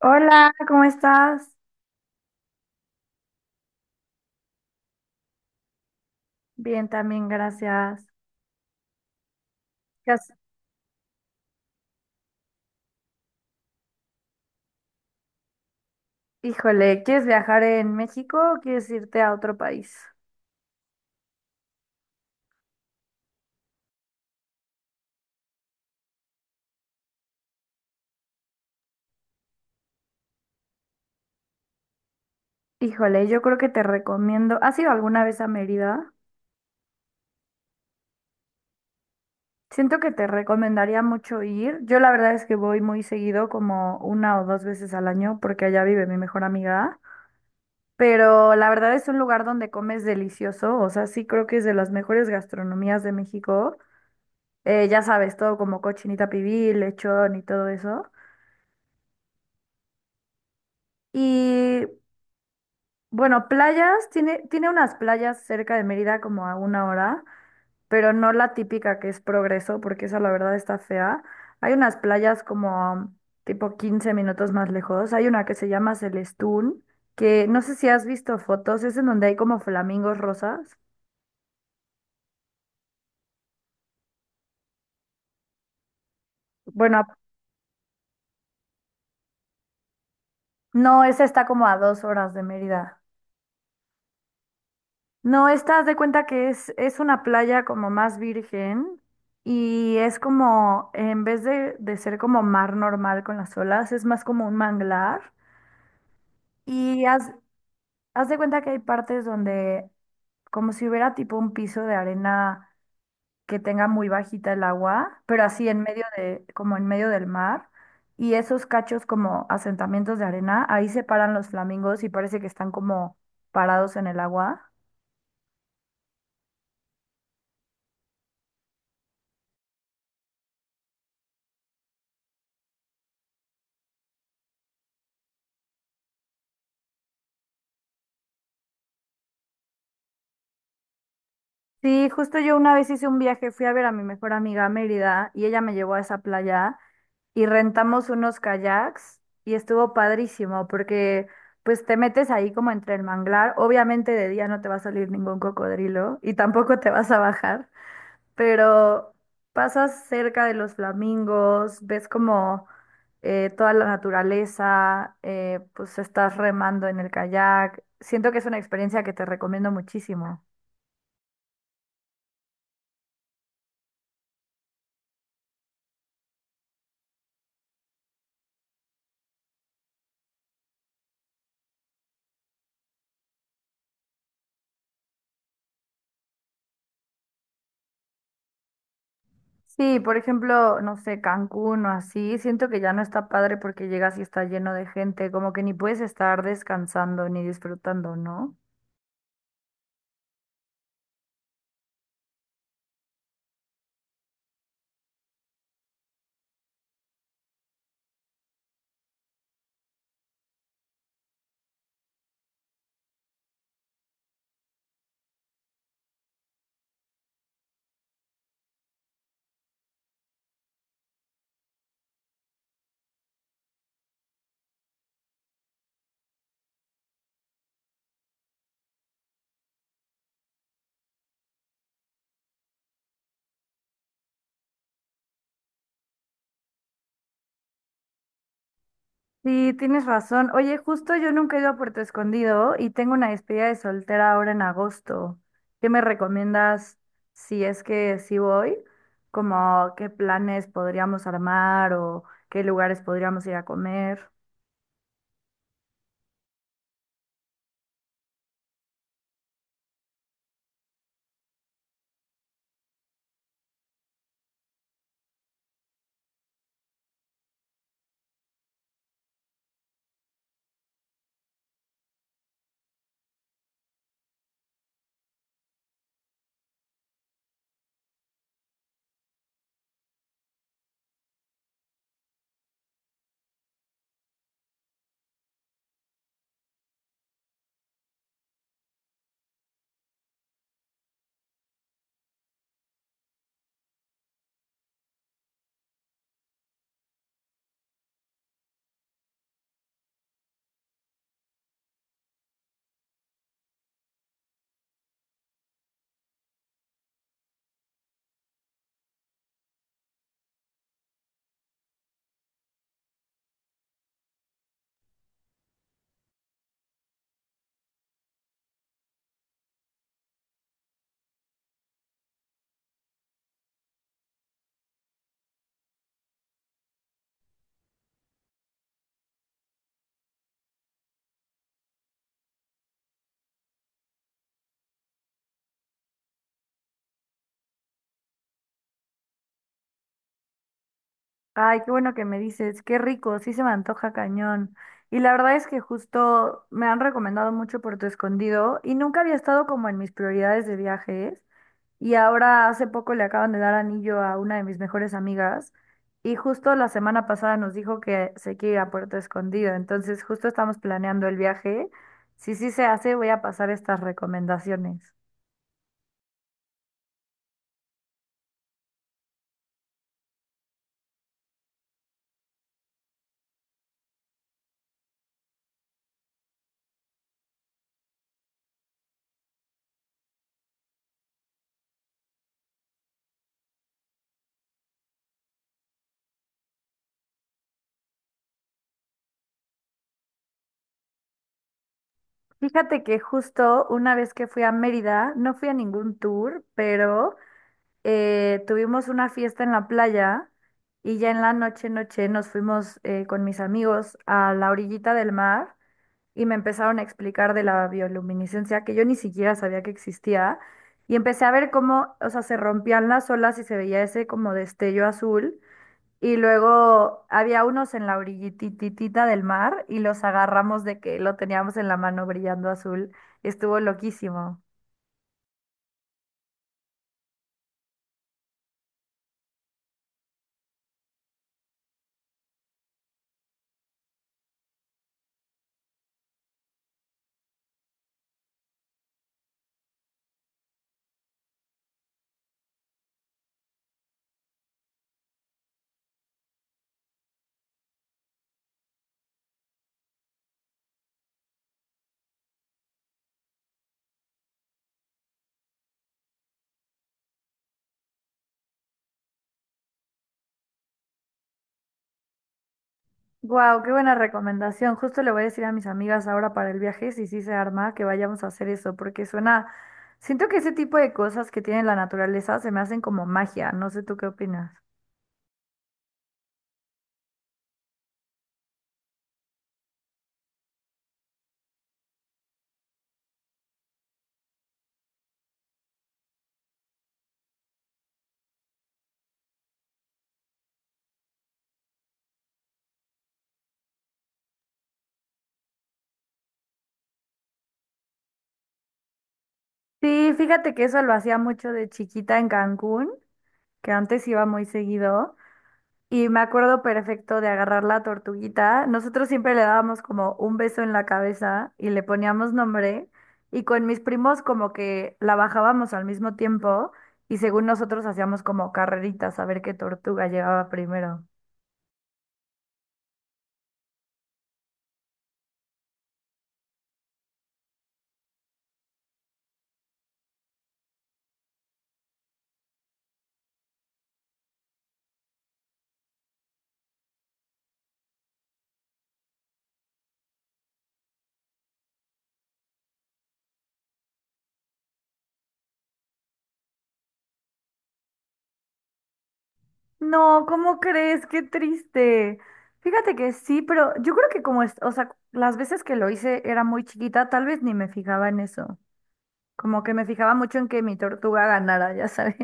Hola, ¿cómo estás? Bien, también, gracias. ¿Qué has- Híjole, ¿quieres viajar en México o quieres irte a otro país? Híjole, yo creo que te recomiendo. ¿Has ido alguna vez a Mérida? Siento que te recomendaría mucho ir. Yo la verdad es que voy muy seguido, como una o dos veces al año, porque allá vive mi mejor amiga. Pero la verdad es un lugar donde comes delicioso. O sea, sí creo que es de las mejores gastronomías de México. Ya sabes, todo como cochinita pibil, lechón y todo eso. Y bueno, playas, tiene unas playas cerca de Mérida como a una hora, pero no la típica que es Progreso, porque esa la verdad está fea. Hay unas playas como tipo 15 minutos más lejos. Hay una que se llama Celestún, que no sé si has visto fotos, es en donde hay como flamingos rosas. Bueno, no, esa está como a 2 horas de Mérida. No, estás de cuenta que es una playa como más virgen y es como, en vez de ser como mar normal con las olas, es más como un manglar. Y haz de cuenta que hay partes donde, como si hubiera tipo un piso de arena que tenga muy bajita el agua, pero así en medio de, como en medio del mar. Y esos cachos como asentamientos de arena, ahí se paran los flamingos y parece que están como parados en el agua. Sí, justo yo una vez hice un viaje, fui a ver a mi mejor amiga a Mérida y ella me llevó a esa playa y rentamos unos kayaks y estuvo padrísimo porque pues te metes ahí como entre el manglar, obviamente de día no te va a salir ningún cocodrilo y tampoco te vas a bajar, pero pasas cerca de los flamingos, ves como toda la naturaleza, pues estás remando en el kayak, siento que es una experiencia que te recomiendo muchísimo. Sí, por ejemplo, no sé, Cancún o así, siento que ya no está padre porque llegas y está lleno de gente, como que ni puedes estar descansando ni disfrutando, ¿no? Sí, tienes razón. Oye, justo yo nunca he ido a Puerto Escondido y tengo una despedida de soltera ahora en agosto. ¿Qué me recomiendas si es que sí voy? Como qué planes podríamos armar o qué lugares podríamos ir a comer. Ay, qué bueno que me dices, qué rico, sí se me antoja cañón. Y la verdad es que justo me han recomendado mucho Puerto Escondido y nunca había estado como en mis prioridades de viajes. Y ahora hace poco le acaban de dar anillo a una de mis mejores amigas y justo la semana pasada nos dijo que se quiere ir a Puerto Escondido. Entonces justo estamos planeando el viaje. Si sí se hace, voy a pasar estas recomendaciones. Fíjate que justo una vez que fui a Mérida, no fui a ningún tour, pero tuvimos una fiesta en la playa y ya en la noche, noche nos fuimos con mis amigos a la orillita del mar y me empezaron a explicar de la bioluminiscencia que yo ni siquiera sabía que existía y empecé a ver cómo, o sea, se rompían las olas y se veía ese como destello azul y luego había unos en la orillititita del mar y los agarramos de que lo teníamos en la mano brillando azul. Estuvo loquísimo. Wow, qué buena recomendación. Justo le voy a decir a mis amigas ahora para el viaje, si sí se arma, que vayamos a hacer eso, porque suena, siento que ese tipo de cosas que tiene la naturaleza se me hacen como magia. No sé tú qué opinas. Sí, fíjate que eso lo hacía mucho de chiquita en Cancún, que antes iba muy seguido. Y me acuerdo perfecto de agarrar la tortuguita. Nosotros siempre le dábamos como un beso en la cabeza y le poníamos nombre. Y con mis primos como que la bajábamos al mismo tiempo y según nosotros hacíamos como carreritas a ver qué tortuga llegaba primero. No, ¿cómo crees? Qué triste. Fíjate que sí, pero yo creo que como es, o sea, las veces que lo hice era muy chiquita, tal vez ni me fijaba en eso. Como que me fijaba mucho en que mi tortuga ganara, ya sabes.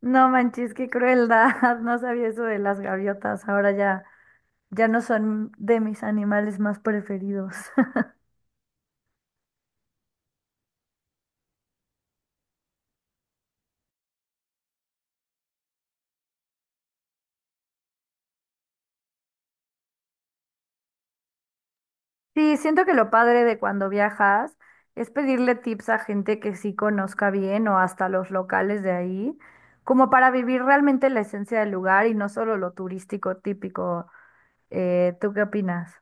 No manches, qué crueldad. No sabía eso de las gaviotas. Ahora ya, ya no son de mis animales más preferidos. Sí, siento que lo padre de cuando viajas es pedirle tips a gente que sí conozca bien o hasta los locales de ahí, como para vivir realmente la esencia del lugar y no solo lo turístico típico. ¿Tú qué opinas?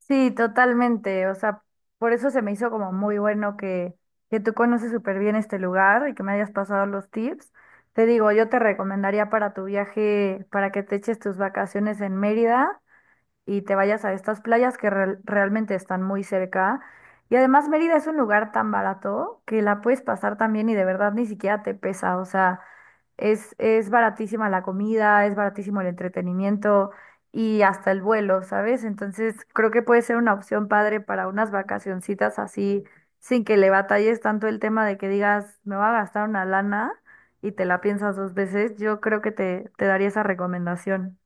Sí, totalmente. O sea, por eso se me hizo como muy bueno que tú conoces súper bien este lugar y que me hayas pasado los tips. Te digo, yo te recomendaría para tu viaje, para que te eches tus vacaciones en Mérida y te vayas a estas playas que realmente están muy cerca. Y además Mérida es un lugar tan barato que la puedes pasar también y de verdad ni siquiera te pesa. O sea, es baratísima la comida, es baratísimo el entretenimiento y hasta el vuelo, ¿sabes? Entonces creo que puede ser una opción padre para unas vacacioncitas así, sin que le batalles tanto el tema de que digas, me va a gastar una lana y te la piensas dos veces. Yo creo que te daría esa recomendación.